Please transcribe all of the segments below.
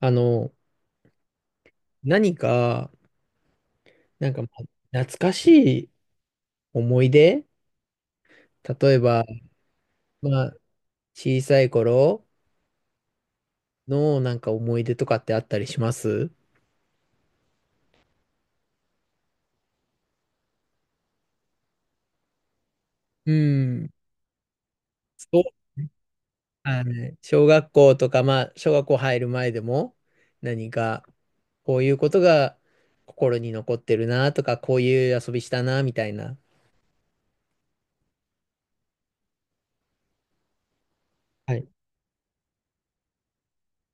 あの、何か、なんか、まあ懐かしい思い出、例えば、まあ、小さい頃の思い出とかってあったりします？うん。そうね。あのね、小学校とか、まあ、小学校入る前でも、何か、こういうことが心に残ってるなとか、こういう遊びしたな、みたいな。はい。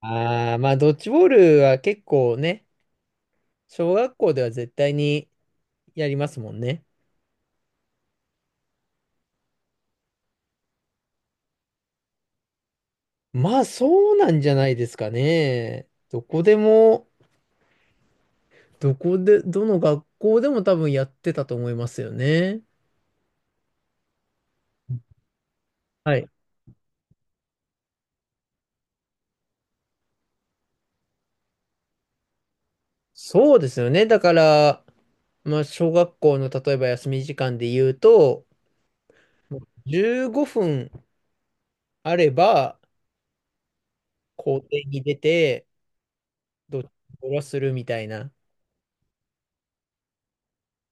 ああ、まあ、ドッジボールは結構ね、小学校では絶対にやりますもんね。まあそうなんじゃないですかね。どこでも、どの学校でも多分やってたと思いますよね。はい。そうですよね。だから、まあ小学校の例えば休み時間で言うと、もう15分あれば校庭に出て、ドッジボールをするみたいな。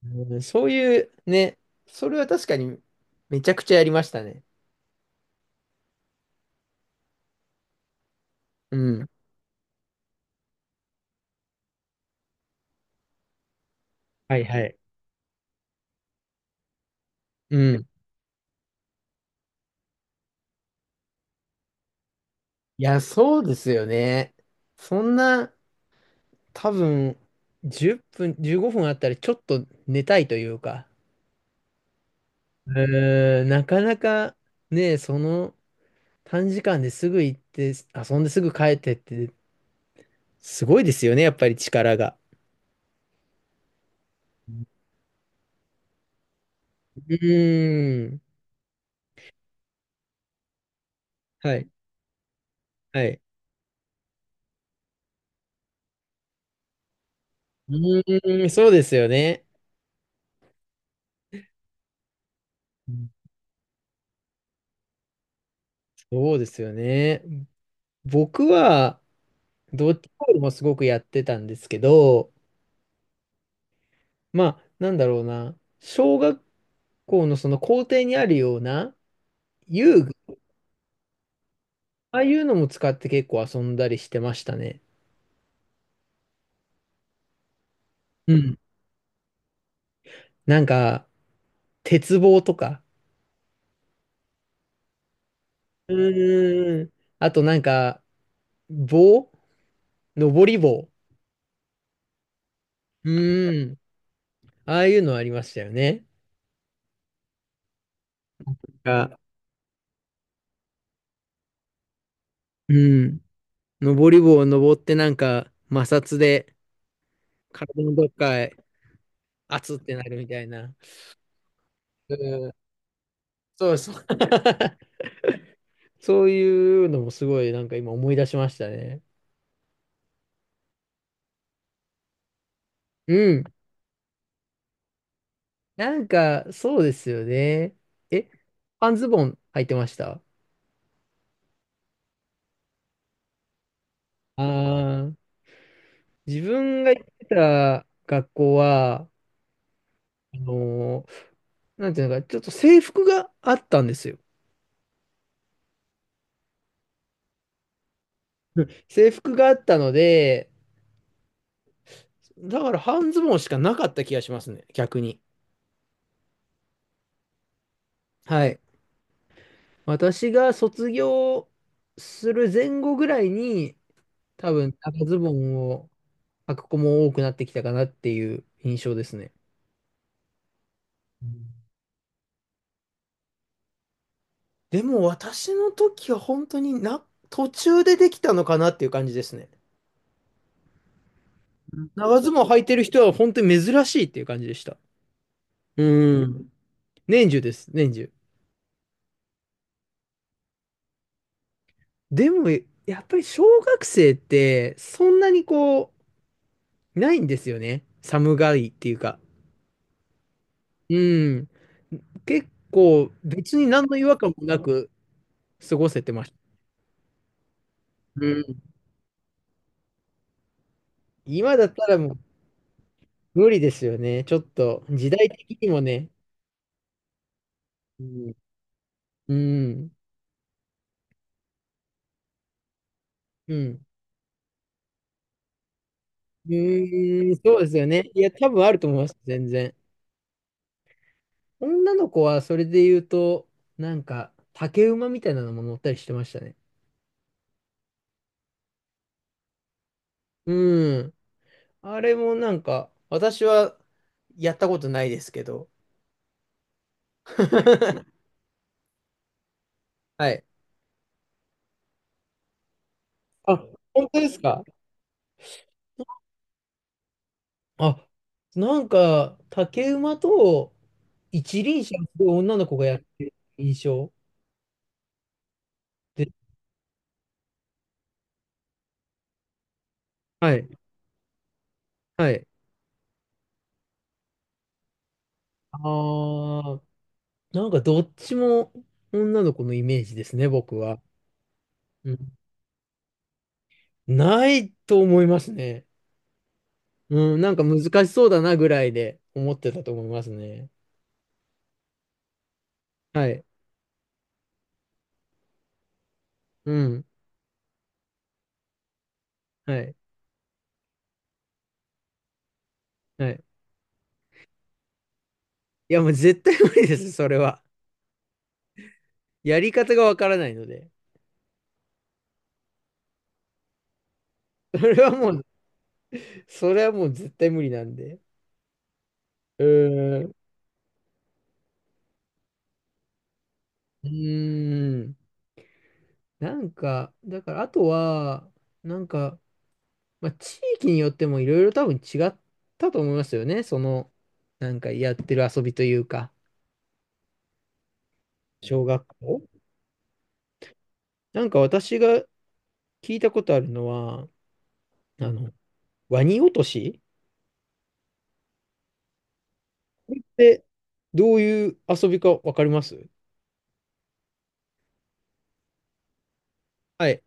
うん、そういうね、それは確かにめちゃくちゃやりましたね。うん。はいはい。うん。いや、そうですよね。そんな、多分、10分、15分あったらちょっと寝たいというか、なかなかね、その短時間ですぐ行って、遊んですぐ帰ってって、すごいですよね、やっぱり力が。うーん。はい。はい。うーん、そうですよね。そうですよね。僕は、ドッジボールもすごくやってたんですけど、まあ、なんだろうな、小学校のその校庭にあるような遊ああいうのも使って結構遊んだりしてましたね。うん。なんか、鉄棒とか。うーん。あとなんか、棒登り棒。うーん。ああいうのありましたよね。が、うん。登り棒を登ってなんか、摩擦で体のどっかへ、熱ってなるみたいな。うん。そうそう。そういうのもすごいなんか今思い出しましたね。うん。なんか、そうですよね。え、半ズボン履いてました？あー、自分が行ってた学校は、あのーなんていうのか、ちょっと制服があったんですよ。うん、制服があったので、だから半ズボンしかなかった気がしますね、逆に。はい。私が卒業する前後ぐらいに、多分長ズボンを履く子も多くなってきたかなっていう印象ですね。でも私の時は本当にな、途中でできたのかなっていう感じですね。うん、長ズボン履いてる人は本当に珍しいっていう感じでした。うん。年中です、年中。でも、やっぱり小学生ってそんなにないんですよね。寒がりっていうか。うん。結構別に何の違和感もなく過ごせてました。うん。今だったらもう無理ですよね。ちょっと時代的にもね。うん。うん。うん。うーん、そうですよね。いや、多分あると思います、全然。女の子はそれで言うと、なんか、竹馬みたいなのも乗ったりしてましたね。うん。あれもなんか、私はやったことないですけど。はい。あ、本当ですか？あ、なんか、竹馬と一輪車をすごい女の子がやってる印象で、はい、はい。ああ、なんかどっちも女の子のイメージですね、僕は。うん、ないと思いますね。うん、なんか難しそうだなぐらいで思ってたと思いますね。はい。うん。はい。はい。いや、もう絶対無理です、それは。やり方がわからないので。それはもう、それはもう絶対無理なんで。うーん。うーん。なんか、だから、あとは、なんか、まあ、地域によってもいろいろ多分違ったと思いますよね。その、なんかやってる遊びというか、小学校。なんか私が聞いたことあるのは、あの、ワニ落としで、どういう遊びかわかります？はい。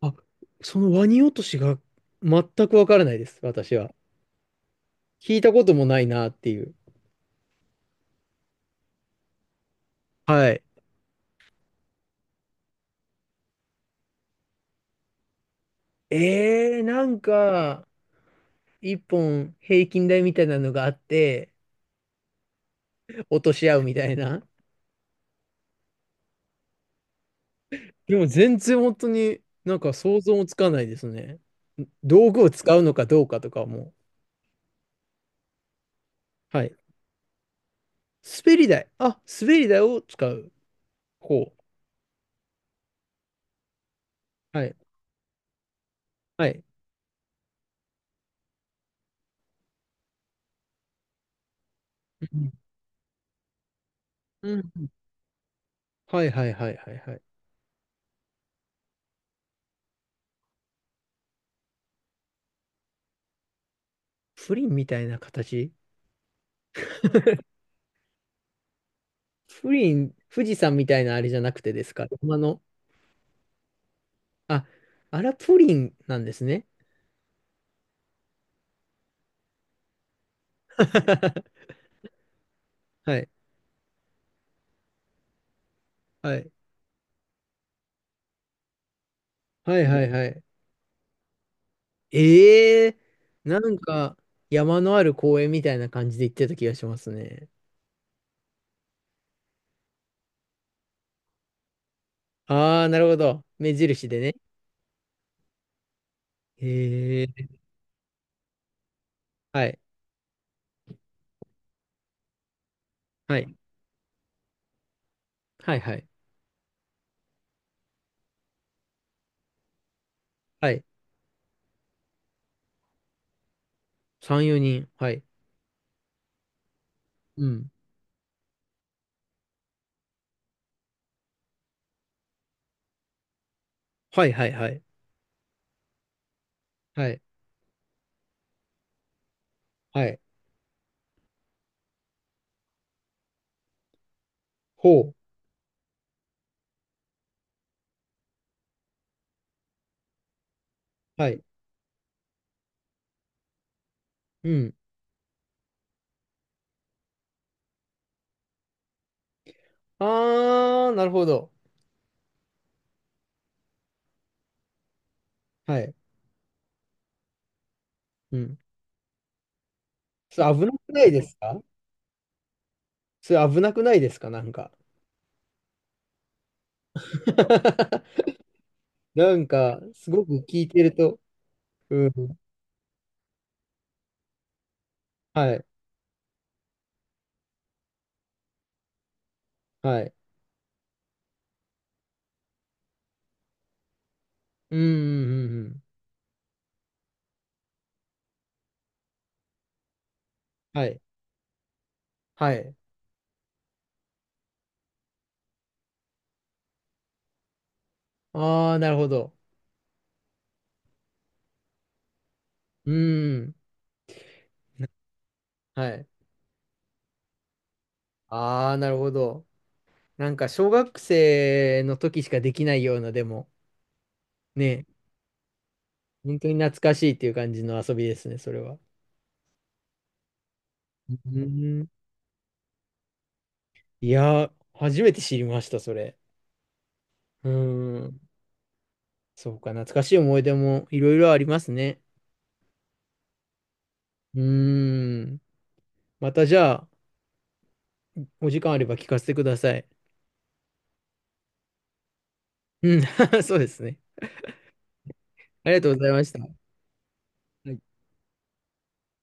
あ、そのワニ落としが全くわからないです、私は。聞いたこともないなっていう。はい。えー、なんか、一本平均台みたいなのがあって、落とし合うみたいな。でも全然本当になんか想像もつかないですね。道具を使うのかどうかとかも。はい。滑り台。あ、滑り台を使う。方はい。はい。うん。うん。はいはいはいはいはい。プリンみたいな形？プリン、富士山みたいなあれじゃなくてですか、山の。あ、あら、プリンなんですね。はい。はい。はいはいはい。ええー、なんか山のある公園みたいな感じで行ってた気がしますね。ああ、なるほど。目印でね。ええー、はい。はい。はいはい。はい。3、4人。はい。うん。はいはいはい。はい。はい。ほう。はい。うん。あー、なるほど。はい。うん。それ危なくないですか？それ危なくないですかなんか。なんか、すごく聞いてると。うん。はい。はい。うん、うん、うん。うん、はい。はい。あー、なるほど。うん。はい。あー、なるほど。なんか、小学生の時しかできないような、でも、ね、本当に懐かしいっていう感じの遊びですね、それは。うん。いやー、初めて知りました、それ。うん。そうか、懐かしい思い出もいろいろありますね。うーん。またじゃあ、お時間あれば聞かせてください。うん、そうですね。ありがとうございました。